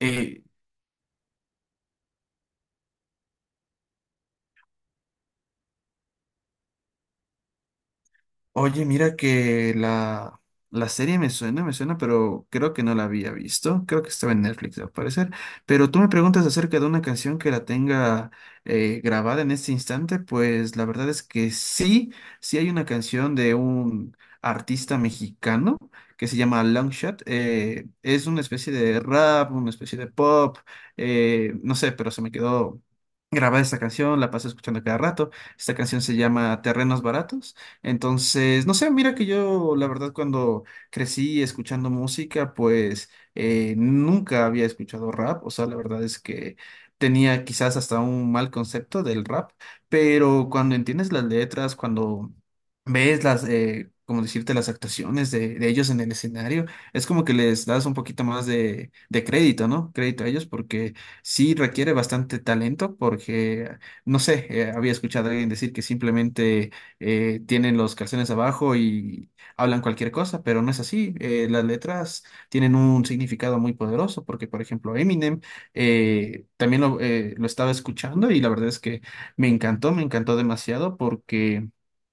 Eh, oye, mira que la serie me suena, pero creo que no la había visto. Creo que estaba en Netflix, al parecer. Pero tú me preguntas acerca de una canción que la tenga grabada en este instante, pues la verdad es que sí, sí hay una canción de un artista mexicano que se llama Longshot. Es una especie de rap, una especie de pop, no sé, pero se me quedó grabada esta canción, la paso escuchando cada rato. Esta canción se llama Terrenos Baratos. Entonces, no sé, mira que yo, la verdad, cuando crecí escuchando música, pues nunca había escuchado rap. O sea, la verdad es que tenía quizás hasta un mal concepto del rap, pero cuando entiendes las letras, cuando ves las, como decirte, las actuaciones de ellos en el escenario, es como que les das un poquito más de crédito, ¿no? Crédito a ellos porque sí requiere bastante talento, porque, no sé, había escuchado a alguien decir que simplemente tienen los calzones abajo y hablan cualquier cosa, pero no es así. Las letras tienen un significado muy poderoso porque, por ejemplo, Eminem también lo estaba escuchando y la verdad es que me encantó demasiado porque,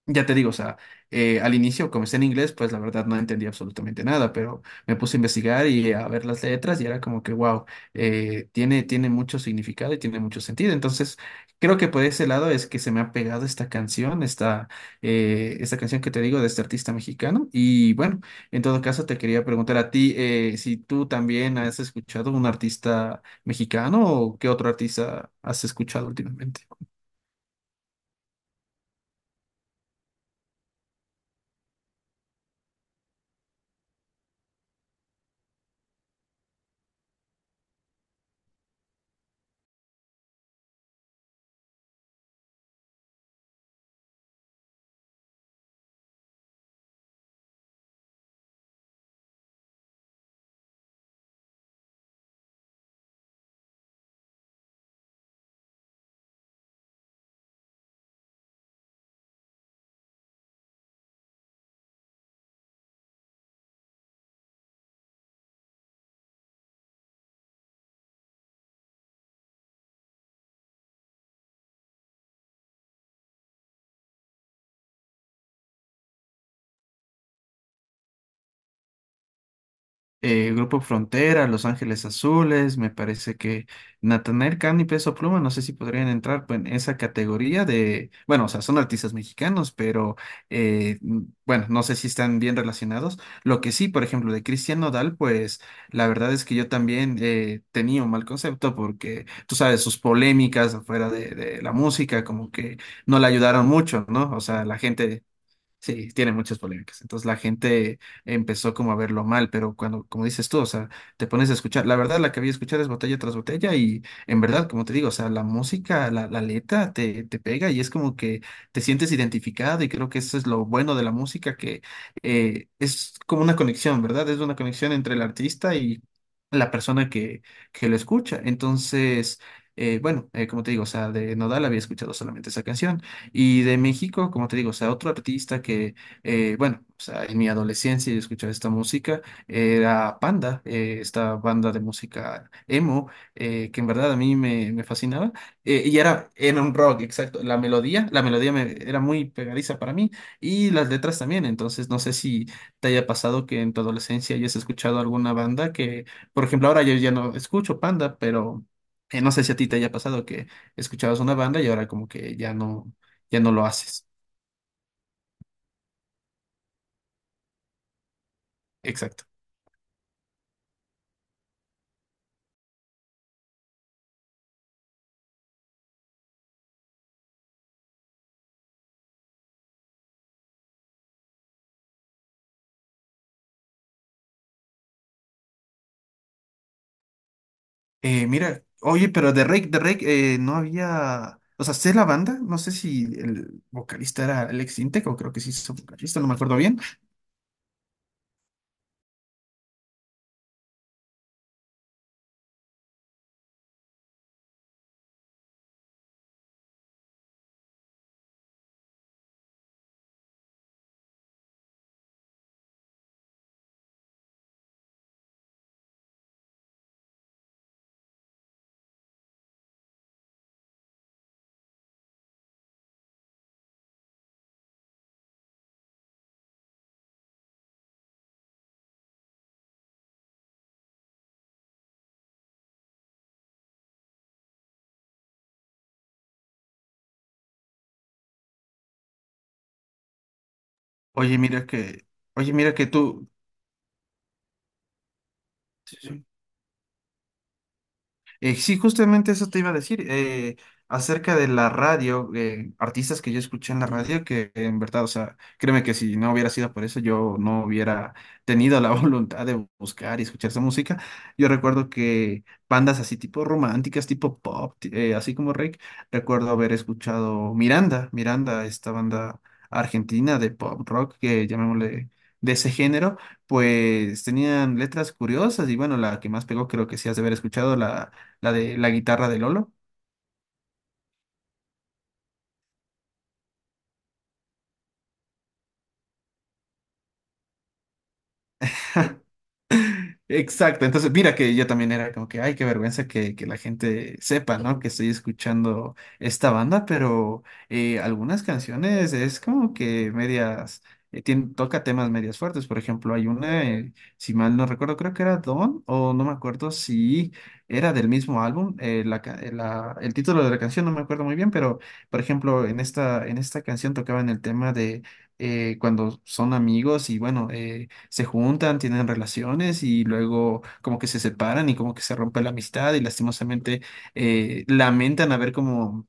ya te digo, o sea, al inicio comencé en inglés, pues la verdad no entendí absolutamente nada, pero me puse a investigar y a ver las letras y era como que, wow, tiene, tiene mucho significado y tiene mucho sentido. Entonces, creo que por ese lado es que se me ha pegado esta canción, esta canción que te digo de este artista mexicano. Y bueno, en todo caso te quería preguntar a ti si tú también has escuchado un artista mexicano o qué otro artista has escuchado últimamente. Grupo Frontera, Los Ángeles Azules, me parece que Natanael Cano y Peso Pluma, no sé si podrían entrar pues, en esa categoría de, bueno, o sea, son artistas mexicanos, pero eh, mm, bueno, no sé si están bien relacionados. Lo que sí, por ejemplo, de Cristian Nodal, pues la verdad es que yo también tenía un mal concepto porque tú sabes, sus polémicas afuera de la música como que no le ayudaron mucho, ¿no? O sea, la gente sí, tiene muchas polémicas. Entonces la gente empezó como a verlo mal, pero cuando, como dices tú, o sea, te pones a escuchar, la verdad la que había escuchar es botella tras botella y en verdad, como te digo, o sea, la música, la letra te, te pega y es como que te sientes identificado y creo que eso es lo bueno de la música, que es como una conexión, ¿verdad? Es una conexión entre el artista y la persona que lo escucha. Entonces, bueno, como te digo, o sea, de Nodal había escuchado solamente esa canción. Y de México, como te digo, o sea, otro artista que, bueno, o sea, en mi adolescencia yo escuchaba esta música, era Panda, esta banda de música emo, que en verdad a mí me, me fascinaba. Y era, era un rock, exacto. La melodía, era muy pegadiza para mí y las letras también. Entonces, no sé si te haya pasado que en tu adolescencia hayas escuchado alguna banda que, por ejemplo, ahora yo ya no escucho Panda, pero... no sé si a ti te haya pasado que escuchabas una banda y ahora como que ya no, ya no lo haces. Exacto. Mira, oye, pero de Rake no había. O sea, sé la banda, no sé si el vocalista era Alex Intec o creo que sí es vocalista, no me acuerdo bien. Oye, mira que, oye, mira que tú. Sí, justamente eso te iba a decir, acerca de la radio, artistas que yo escuché en la radio, que en verdad, o sea, créeme que si no hubiera sido por eso, yo no hubiera tenido la voluntad de buscar y escuchar esa música. Yo recuerdo que bandas así tipo románticas, tipo pop, así como Rake, recuerdo haber escuchado Miranda, Miranda, esta banda argentina de pop rock, que llamémosle de ese género, pues tenían letras curiosas y bueno, la que más pegó creo que sí has de haber escuchado, la de la guitarra de Lolo. Exacto, entonces mira que yo también era como que, ay, qué vergüenza que la gente sepa, ¿no? Que estoy escuchando esta banda, pero algunas canciones es como que medias, toca temas medias fuertes, por ejemplo, hay una, si mal no recuerdo, creo que era Don, o no me acuerdo si era del mismo álbum, el título de la canción no me acuerdo muy bien, pero por ejemplo, en esta canción tocaban el tema de cuando son amigos y bueno, se juntan, tienen relaciones y luego como que se separan y como que se rompe la amistad y lastimosamente lamentan haber como,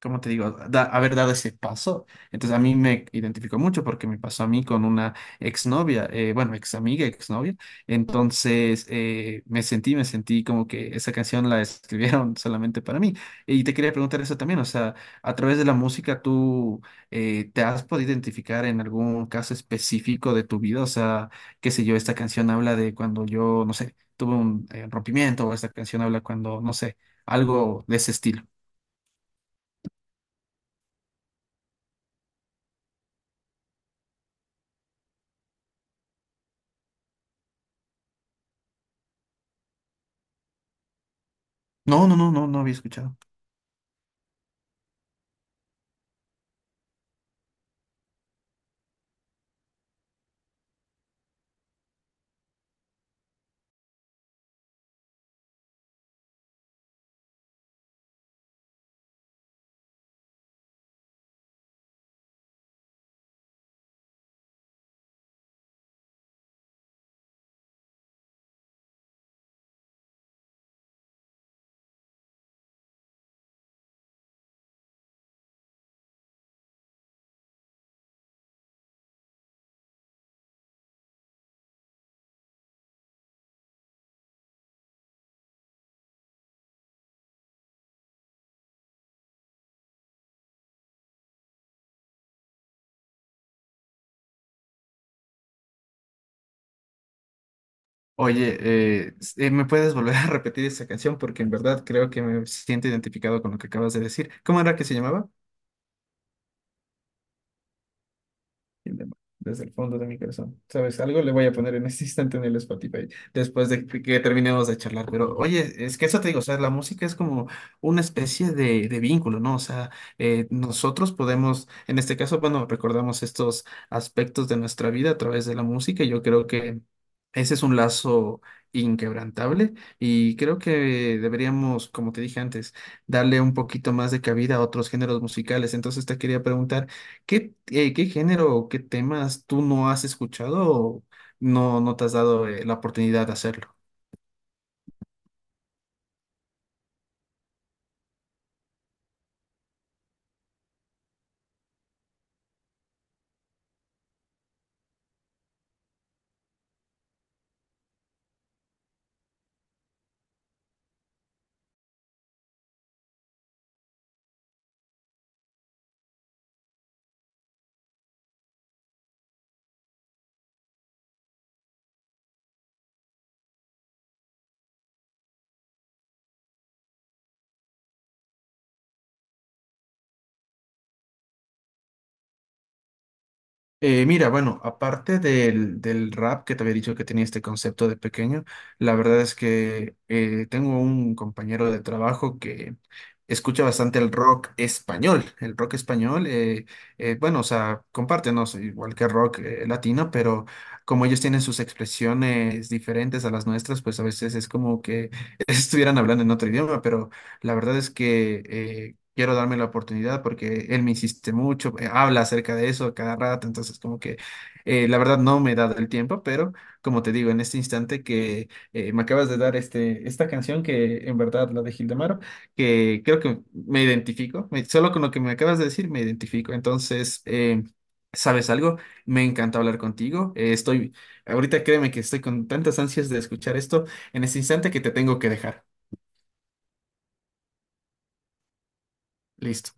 ¿cómo te digo? Haber dado ese paso. Entonces a mí me identificó mucho porque me pasó a mí con una exnovia, bueno, ex amiga, exnovia. Entonces me sentí como que esa canción la escribieron solamente para mí. Y te quería preguntar eso también, o sea, a través de la música tú, ¿te has podido identificar en algún caso específico de tu vida? O sea, qué sé yo, esta canción habla de cuando yo, no sé, tuve un rompimiento, o esta canción habla cuando, no sé, algo de ese estilo. No, no, no, no, no había escuchado. Oye, ¿me puedes volver a repetir esa canción? Porque en verdad creo que me siento identificado con lo que acabas de decir. ¿Cómo era que se llamaba? Desde el fondo de mi corazón. ¿Sabes? Algo le voy a poner en este instante en el Spotify, después de que terminemos de charlar. Pero oye, es que eso te digo, o sea, la música es como una especie de vínculo, ¿no? O sea, nosotros podemos, en este caso, bueno, recordamos estos aspectos de nuestra vida a través de la música. Y yo creo que ese es un lazo inquebrantable y creo que deberíamos, como te dije antes, darle un poquito más de cabida a otros géneros musicales. Entonces te quería preguntar. ¿ Qué género o qué temas tú no has escuchado o no, no te has dado la oportunidad de hacerlo? Mira, bueno, aparte del, del rap que te había dicho que tenía este concepto de pequeño, la verdad es que tengo un compañero de trabajo que escucha bastante el rock español. El rock español, bueno, o sea, comparte, no sé, igual que rock latino, pero como ellos tienen sus expresiones diferentes a las nuestras, pues a veces es como que estuvieran hablando en otro idioma, pero la verdad es que quiero darme la oportunidad porque él me insiste mucho, habla acerca de eso a cada rato, entonces como que la verdad no me he dado el tiempo, pero como te digo, en este instante que me acabas de dar esta canción que en verdad la de Gildemaro, que creo que me identifico, solo con lo que me acabas de decir me identifico, entonces... ¿Sabes algo? Me encanta hablar contigo. Estoy, ahorita créeme que estoy con tantas ansias de escuchar esto en este instante que te tengo que dejar. Listo.